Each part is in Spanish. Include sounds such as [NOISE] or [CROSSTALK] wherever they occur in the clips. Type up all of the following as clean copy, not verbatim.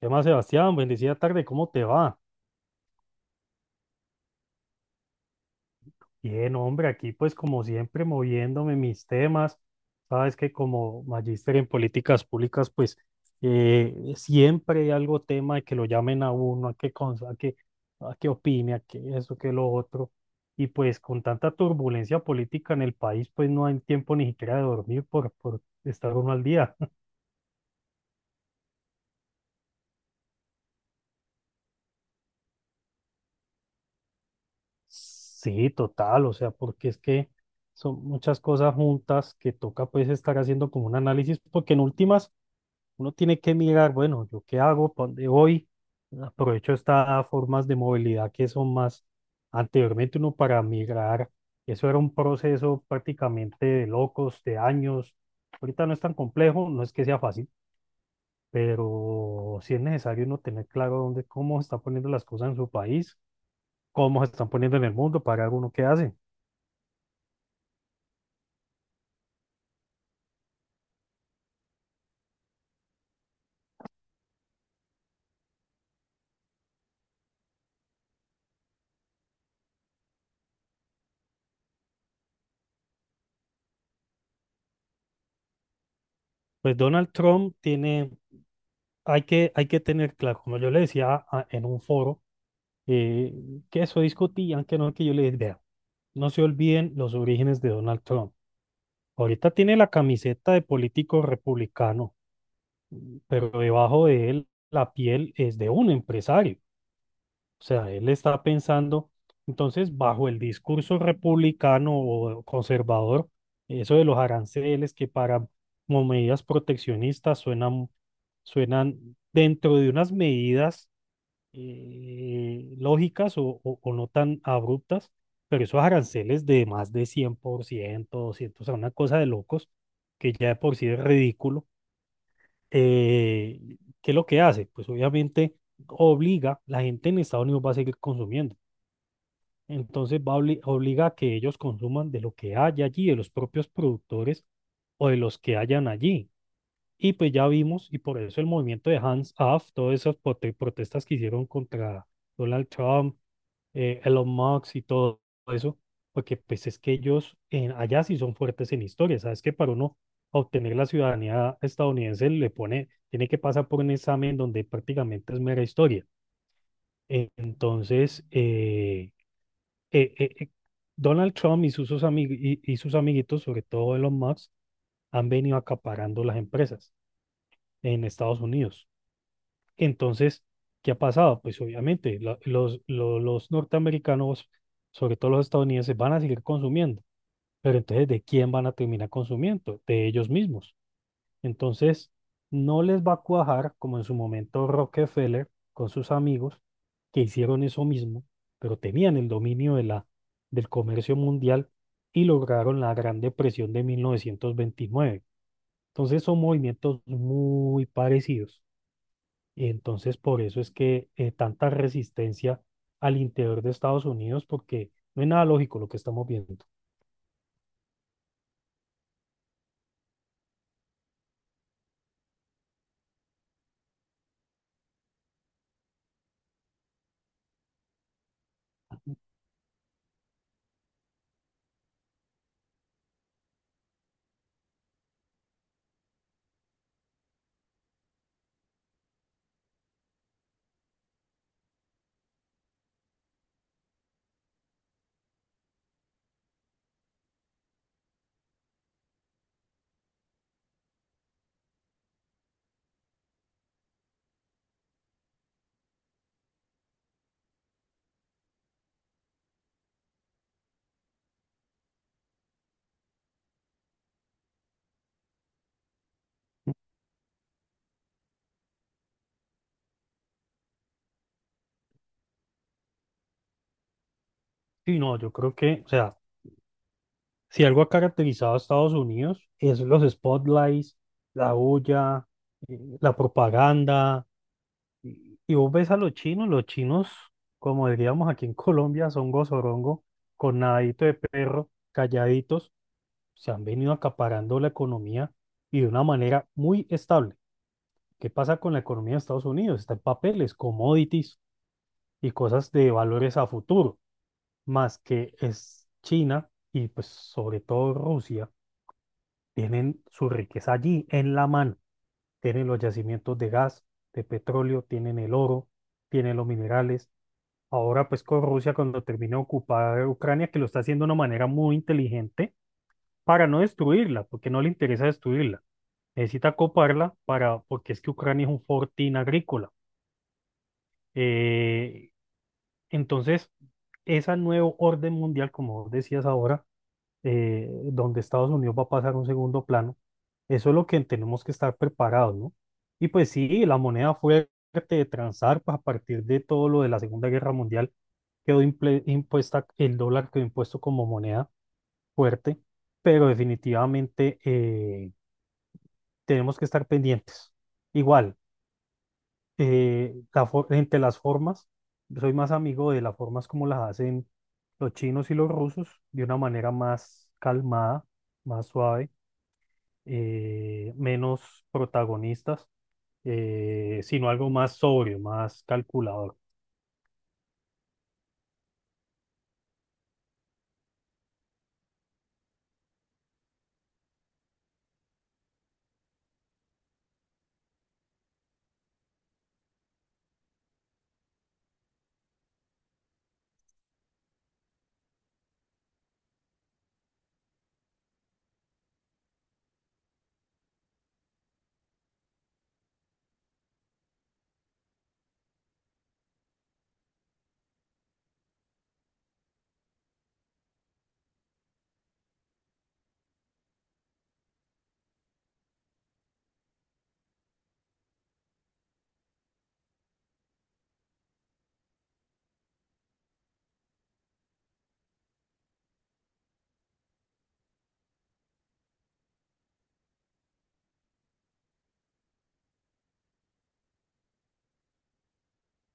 ¿Qué más, Sebastián? Bendecida tarde, ¿cómo te va? Bien, hombre, aquí pues como siempre moviéndome mis temas. Sabes que como magíster en políticas públicas, pues siempre hay algo tema de que lo llamen a uno, a que, a que, a que opine, a que eso, que lo otro. Y pues con tanta turbulencia política en el país, pues no hay tiempo ni siquiera de dormir por estar uno al día. Sí, total, o sea, porque es que son muchas cosas juntas que toca pues estar haciendo como un análisis, porque en últimas uno tiene que mirar, bueno, ¿yo qué hago? ¿Para dónde voy? Aprovecho estas formas de movilidad que son más, anteriormente uno para migrar, eso era un proceso prácticamente de locos, de años, ahorita no es tan complejo, no es que sea fácil, pero sí es necesario uno tener claro dónde, cómo está poniendo las cosas en su país cómo se están poniendo en el mundo, pagar uno qué hace. Pues Donald Trump tiene, hay que tener claro, como yo le decía a- en un foro, eh, que eso discutían, que no, que yo le dije, "Vea, no se olviden los orígenes de Donald Trump. Ahorita tiene la camiseta de político republicano, pero debajo de él la piel es de un empresario. O sea, él está pensando, entonces, bajo el discurso republicano o conservador, eso de los aranceles que para como medidas proteccionistas suenan, suenan dentro de unas medidas lógicas o no tan abruptas, pero esos aranceles de más de 100%, 200%, o sea, una cosa de locos, que ya de por sí es ridículo. Eh, ¿Qué es lo que hace? Pues obviamente obliga, la gente en Estados Unidos va a seguir consumiendo. Entonces va obliga a que ellos consuman de lo que haya allí, de los propios productores o de los que hayan allí. Y pues ya vimos, y por eso el movimiento de Hands Off, todas esas protestas que hicieron contra Donald Trump, Elon Musk y todo eso, porque pues es que ellos allá sí son fuertes en historia. Sabes que para uno obtener la ciudadanía estadounidense le pone, tiene que pasar por un examen donde prácticamente es mera historia. Entonces, eh, eh, eh, Donald Trump y sus amiguitos, sobre todo Elon Musk, han venido acaparando las empresas en Estados Unidos. Entonces, ¿qué ha pasado? Pues obviamente los norteamericanos, sobre todo los estadounidenses, van a seguir consumiendo, pero entonces, ¿de quién van a terminar consumiendo? De ellos mismos. Entonces, no les va a cuajar como en su momento Rockefeller con sus amigos que hicieron eso mismo, pero tenían el dominio de del comercio mundial y lograron la Gran Depresión de 1929. Entonces, son movimientos muy parecidos. Y entonces, por eso es que tanta resistencia al interior de Estados Unidos, porque no es nada lógico lo que estamos viendo. Sí, no, yo creo que, o sea, si algo ha caracterizado a Estados Unidos es los spotlights, la bulla, la propaganda. Y vos ves a los chinos, como diríamos aquí en Colombia, son gozorongo, con nadadito de perro, calladitos, se han venido acaparando la economía y de una manera muy estable. ¿Qué pasa con la economía de Estados Unidos? Está en papeles, commodities y cosas de valores a futuro, más que es China y pues sobre todo Rusia tienen su riqueza allí, en la mano. Tienen los yacimientos de gas, de petróleo, tienen el oro, tienen los minerales. Ahora pues con Rusia cuando termine de ocupar Ucrania, que lo está haciendo de una manera muy inteligente para no destruirla, porque no le interesa destruirla. Necesita coparla para, porque es que Ucrania es un fortín agrícola. Eh, entonces, ese nuevo orden mundial, como vos decías ahora, donde Estados Unidos va a pasar a un segundo plano. Eso es lo que tenemos que estar preparados, ¿no? Y pues sí, la moneda fuerte de transar, pues a partir de todo lo de la Segunda Guerra Mundial, quedó impuesta, el dólar quedó impuesto como moneda fuerte, pero definitivamente tenemos que estar pendientes. Igual, entre las formas, soy más amigo de las formas como las hacen los chinos y los rusos, de una manera más calmada, más suave menos protagonistas, sino algo más sobrio, más calculador.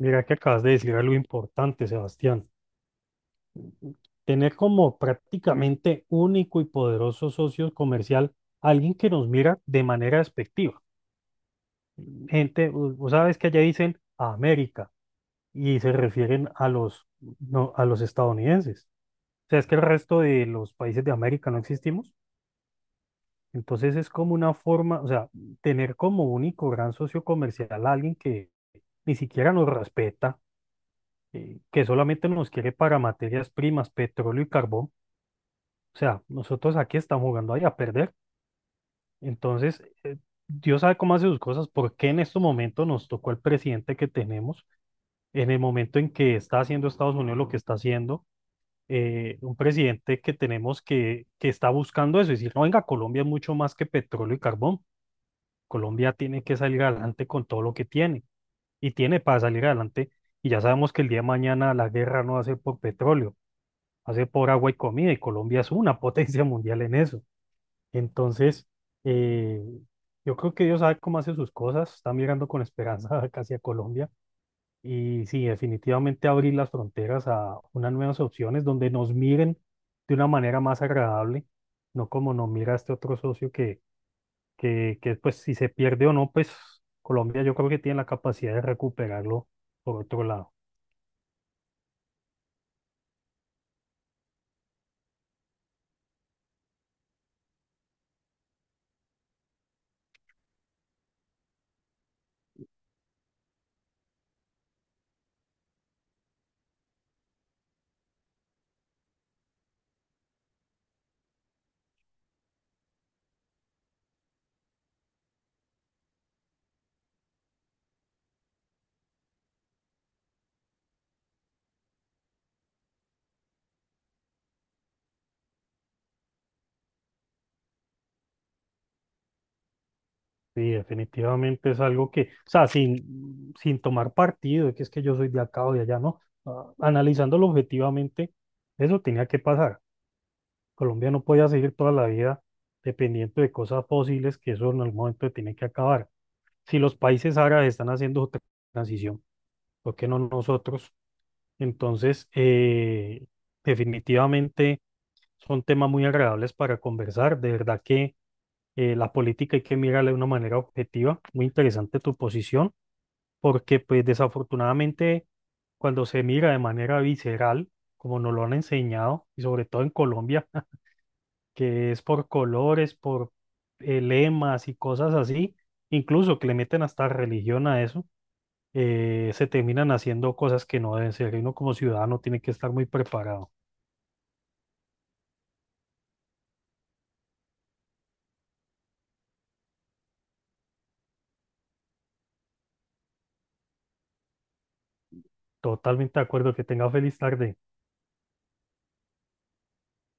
Mira que acabas de decir algo importante, Sebastián. Tener como prácticamente único y poderoso socio comercial alguien que nos mira de manera despectiva. Gente, vos sabes que allá dicen a América y se refieren a los, no, a los estadounidenses. O sea, es que el resto de los países de América no existimos. Entonces es como una forma, o sea, tener como único gran socio comercial a alguien que ni siquiera nos respeta, que solamente nos quiere para materias primas, petróleo y carbón. O sea, nosotros aquí estamos jugando ahí a perder. Entonces, Dios sabe cómo hace sus cosas, por qué en este momento nos tocó el presidente que tenemos, en el momento en que está haciendo Estados Unidos lo que está haciendo, un presidente que tenemos que está buscando eso, es decir, no, venga, Colombia es mucho más que petróleo y carbón. Colombia tiene que salir adelante con todo lo que tiene y tiene para salir adelante. Y ya sabemos que el día de mañana la guerra no va a ser por petróleo, va a ser por agua y comida y Colombia es una [LAUGHS] potencia mundial en eso. Entonces, eh, yo creo que Dios sabe cómo hace sus cosas, está mirando con esperanza [LAUGHS] casi a Colombia y sí, definitivamente abrir las fronteras a unas nuevas opciones donde nos miren de una manera más agradable, no como nos mira este otro socio que pues si se pierde o no, pues Colombia yo creo que tiene la capacidad de recuperarlo por otro lado. Sí, definitivamente es algo que, o sea, sin tomar partido, que es que yo soy de acá o de allá, ¿no? Ah, analizándolo objetivamente, eso tenía que pasar. Colombia no podía seguir toda la vida dependiendo de cosas fósiles, que eso en algún momento tiene que acabar. Si los países árabes están haciendo su transición, ¿por qué no nosotros? Entonces, definitivamente son temas muy agradables para conversar. De verdad que la política hay que mirarla de una manera objetiva. Muy interesante tu posición, porque pues desafortunadamente cuando se mira de manera visceral, como nos lo han enseñado, y sobre todo en Colombia, [LAUGHS] que es por colores, por lemas y cosas así, incluso que le meten hasta religión a eso, se terminan haciendo cosas que no deben ser. Y uno como ciudadano tiene que estar muy preparado. Totalmente de acuerdo, que tenga feliz tarde.